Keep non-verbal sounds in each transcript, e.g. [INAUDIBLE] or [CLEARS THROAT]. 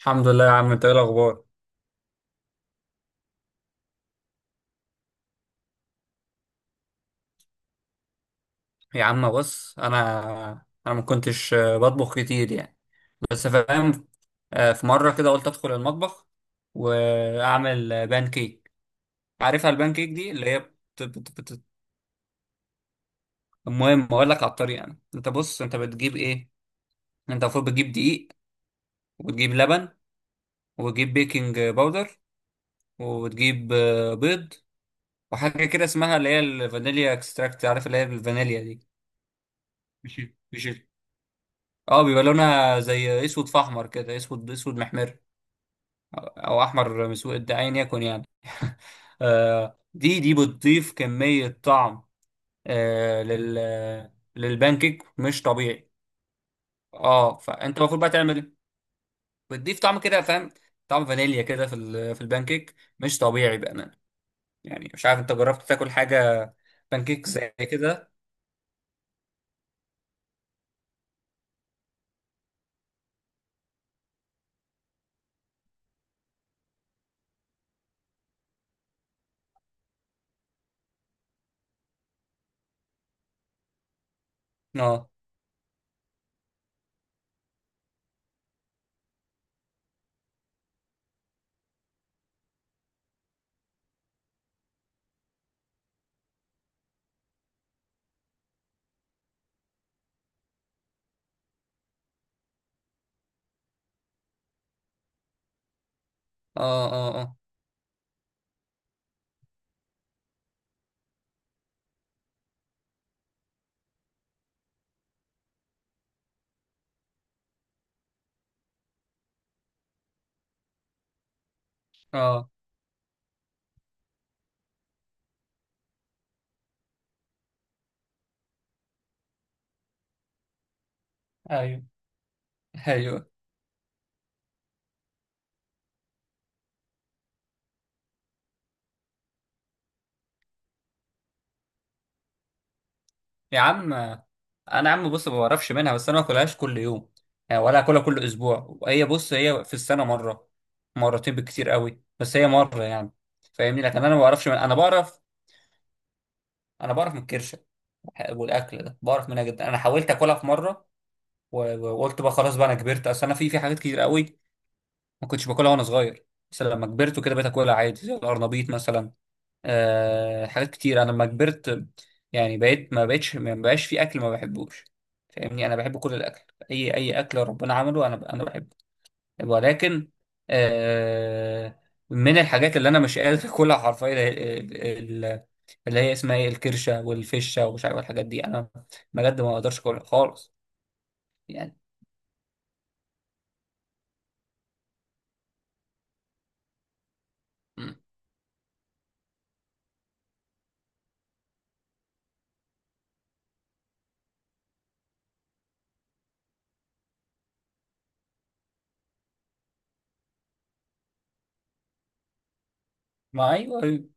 الحمد لله يا عم، انت ايه الاخبار؟ يا عم بص، انا ما كنتش بطبخ كتير يعني، بس فاهم. في مره كده قلت ادخل المطبخ واعمل بان كيك. عارفها البان كيك دي اللي هي المهم اقول لك على الطريقه يعني. انت بص، انت بتجيب ايه؟ انت المفروض بتجيب دقيق، وتجيب لبن، وتجيب بيكنج باودر، وتجيب بيض، وحاجه كده اسمها اللي هي الفانيليا اكستراكت، عارف اللي هي الفانيليا دي؟ مش اه، بيبقى لونها زي اسود في احمر كده، اسود اسود محمر، او احمر مسود، ايا يكن يعني. [LAUGHS] دي بتضيف كمية طعم، آه، لل للبانكيك مش طبيعي. اه، فانت المفروض بقى تعمل ايه؟ بتضيف طعم كده فاهم، طعم فانيليا كده في في البانكيك، مش طبيعي بأمانة. يعني مش عارف انت جربت تاكل حاجة، بانكيك زي كده؟ اه اه اه اه. اه. ايوه ايوه. يا عم انا، يا عم بص، ما بعرفش منها، بس انا ما باكلهاش كل يوم يعني، ولا اكلها كل اسبوع. هي بص، هي في السنه مره، مرتين بالكتير قوي، بس هي مره يعني، فاهمني؟ لكن انا ما بعرفش انا بعرف، انا بعرف من الكرشه والاكل ده، بعرف منها جدا. انا حاولت اكلها في مره، وقلت بقى خلاص بقى، انا كبرت. اصل انا في حاجات كتير قوي ما كنتش باكلها وانا صغير، بس لما كبرت وكده بقيت اكلها عادي، زي القرنبيط مثلا. آه، حاجات كتير انا لما كبرت يعني بقيت ما بقاش في اكل ما بحبوش، فاهمني؟ انا بحب كل الاكل، اي اكل ربنا عمله انا بحبه. ولكن آه، من الحاجات اللي انا مش قادر اكلها حرفيا ال- اللي هي اسمها ايه، الكرشه والفشه ومش عارف الحاجات دي، انا بجد ما اقدرش اكلها خالص يعني. م. ما ايوه، أيوة.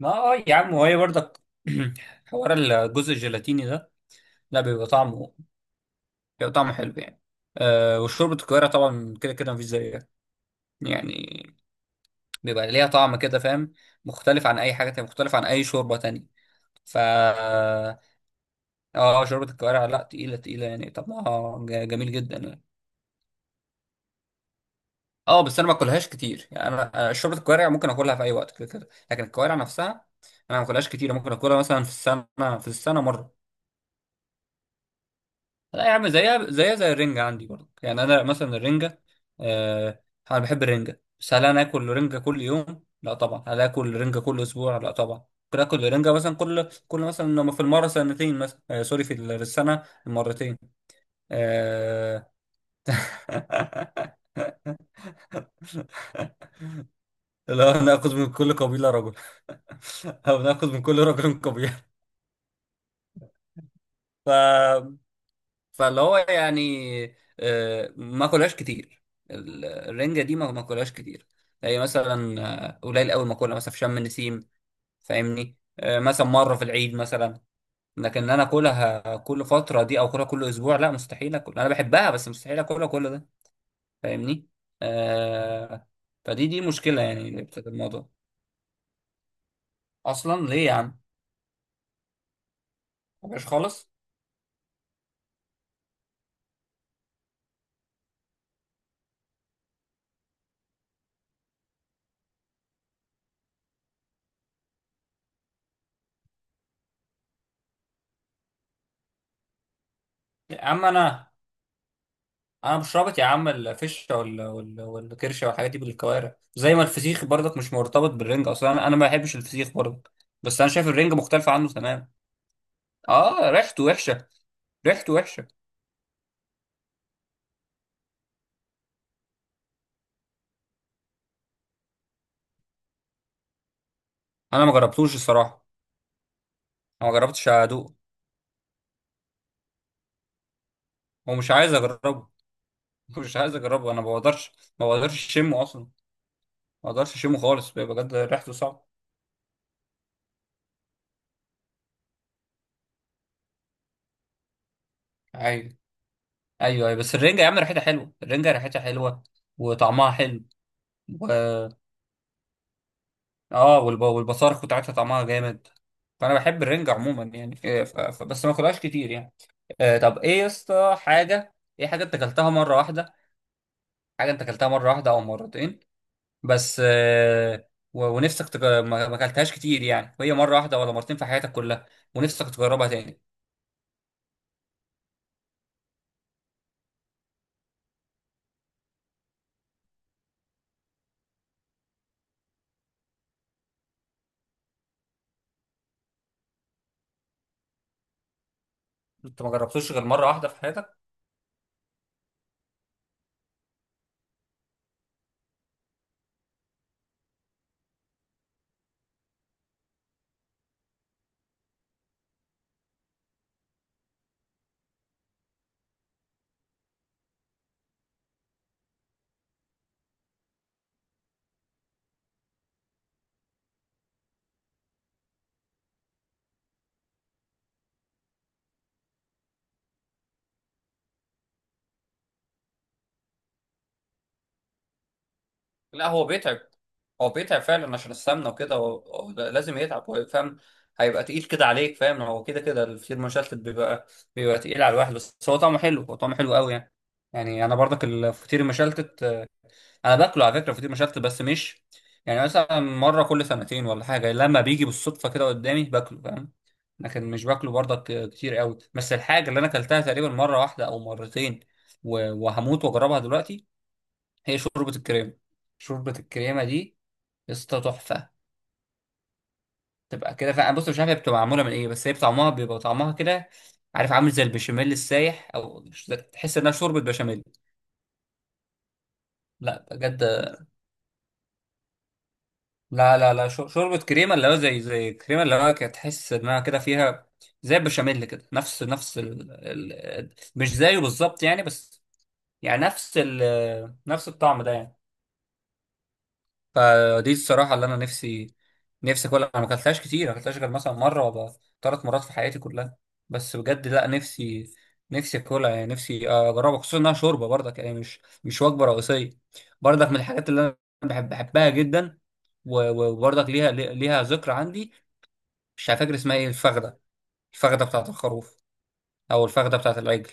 ما آه يا عم، وهي برضك [CLEARS THROAT] حوار الجزء الجيلاتيني ده، لا بيبقى طعمه، بيبقى طعمه حلو يعني. أه وشوربة الكوارع طبعا كده كده مفيش زيها يعني، بيبقى ليها طعم كده فاهم، مختلف عن أي حاجة تانية، مختلف عن أي شوربة تانية. فا اه، شوربة الكوارع لا، تقيلة تقيلة يعني، طعمها جميل جدا يعني. اه بس انا ما باكلهاش كتير يعني، انا شوربة الكوارع ممكن اكلها في اي وقت كده كده، لكن الكوارع نفسها انا ما باكلهاش كتير، ممكن اكلها مثلا في السنة، في السنة مرة. لا يا عم، زيها زيها زي الرنجة عندي برضه يعني. أنا مثلا الرنجة، آه، أنا بحب الرنجة، بس هل أنا آكل رنجة كل يوم؟ لا طبعا. هل آكل رنجة كل أسبوع؟ لا طبعا. ممكن آكل رنجة مثلا كل مثلا لما في المرة سنتين مثلا، آه سوري، في في السنة مرتين. آه... [LAUGHS] لو ناخذ من كل قبيلة رجل، [LAUGHS] أو ناخذ من كل رجل قبيلة. ف فاللي هو يعني آه، ما كلهاش كتير، الرنجة دي ما كلهاش كتير. هي مثلا آه، قليل قوي، ما كلها مثلا في شم النسيم فاهمني، آه، مثلا مرة في العيد مثلا. لكن ان انا اكلها كل فترة دي او اكلها كل اسبوع، لا مستحيل اكل. انا بحبها بس مستحيل اكلها كل ده، فاهمني؟ آه، فدي مشكلة يعني اللي بتاعت الموضوع. اصلا ليه يا عم؟ مبقاش خالص. يا عم انا، انا مش رابط يا عم الفشه والكرشه والحاجات دي بالكوارع، زي ما الفسيخ برضك مش مرتبط بالرنج اصلا. انا أنا ما بحبش الفسيخ برضك، بس انا شايف الرنج مختلف عنه تمام. اه، ريحته وحشه، ريحته وحشه. انا ما جربتوش الصراحه، انا ما جربتش ادوقه ومش عايز اجربه. [LAUGHS] مش عايز اجربه، انا ما بقدرش، ما بقدرش اشمه اصلا، ما بقدرش اشمه خالص بجد، ريحته صعبه. ايوه ايوه ايوه. بس الرنجه يا عم ريحتها حلوه، الرنجه ريحتها حلوه وطعمها حلو. و... اه والب... والبصارخ بتاعتها طعمها جامد. فانا بحب الرنجة عموما يعني، بس ما اكلهاش كتير يعني. آه طب ايه يا اسطى حاجة، ايه حاجة انت اكلتها مرة واحدة، حاجة انت اكلتها مرة واحدة او مرتين بس، آه و... ما اكلتهاش كتير يعني، وهي مرة واحدة ولا مرتين في حياتك كلها، ونفسك تجربها تاني؟ انت ما جربتوش غير مرة واحدة في حياتك؟ لا هو بيتعب، هو بيتعب فعلا عشان السمنه وكده، هو هو لازم يتعب. هو فاهم، هيبقى تقيل كده عليك فاهم، هو كده كده الفطير مشلتت بيبقى، بيبقى تقيل على الواحد، بس هو طعمه حلو، هو طعمه حلو قوي يعني. يعني انا برضك الفطير المشلتت آه، انا باكله على فكره فطير مشلتت، بس مش يعني مثلا مره كل سنتين ولا حاجه، لما بيجي بالصدفه كده قدامي باكله فاهم. لكن مش باكله برضك آه، كتير قوي. بس الحاجه اللي انا اكلتها تقريبا مره واحده او مرتين، وهموت واجربها دلوقتي، هي شوربه الكريمه. شوربة الكريمة دي يا اسطى تحفه، تبقى كده فعلا. بص مش عارف هي بتبقى معموله من ايه، بس هي طعمها بيبقى طعمها كده، عارف عامل زي البشاميل السايح، او تحس انها شوربه بشاميل. لا بجد، لا لا لا، شوربه كريمه، اللي هو زي زي كريمه، اللي هو كده تحس انها كده فيها زي البشاميل كده، نفس نفس مش زيه بالظبط يعني بس، يعني نفس نفس الطعم ده يعني. فدي الصراحة اللي أنا نفسي، نفسي أكلها. أنا ما أكلتهاش كتير، ما أكلتهاش غير مثلا مرة ولا ثلاث مرات في حياتي كلها، بس بجد لا نفسي، نفسي أكلها يعني نفسي أجربها، خصوصا إنها شوربة برضك يعني، مش مش وجبة رئيسية. برضك من الحاجات اللي أنا بحب بحبها جدا، وبرضك ليها ليها ذكرى عندي. مش فاكر اسمها إيه، الفخدة، الفخدة بتاعت الخروف أو الفخدة بتاعت العجل،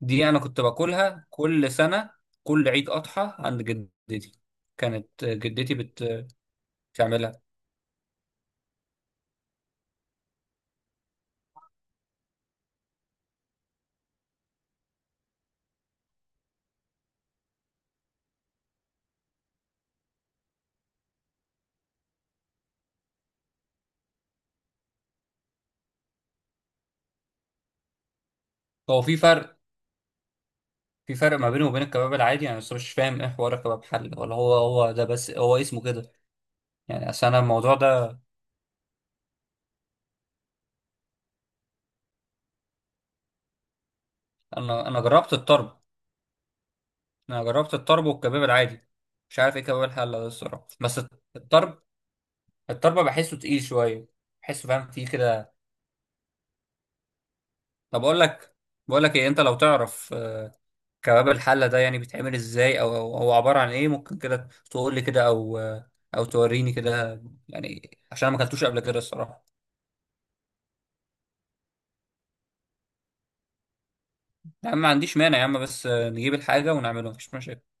دي أنا كنت باكلها كل سنة، كل عيد أضحى عند جدتي، كانت جدتي بتعملها. هو في فرق، في فرق ما بينه وبين الكباب العادي يعني، بس مش فاهم ايه حوار الكباب حل، ولا هو هو ده بس هو اسمه كده؟ يعني اصل انا الموضوع ده، انا جربت الطرب، انا جربت الطرب والكباب العادي. مش عارف ايه كباب الحل ده الصراحه، بس الطرب، الطرب بحسه تقيل شويه، بحسه فاهم فيه كده. طب اقول لك، بقول لك ايه، انت لو تعرف آه، كباب الحله ده يعني بيتعمل ازاي، او أو هو عباره عن ايه، ممكن كده تقول لي كده، او آه، او توريني كده يعني، عشان أنا ما اكلتوش قبل كده الصراحه. يا عم ما عنديش مانع يا عم، بس آه، نجيب الحاجة ونعمله مفيش مشاكل.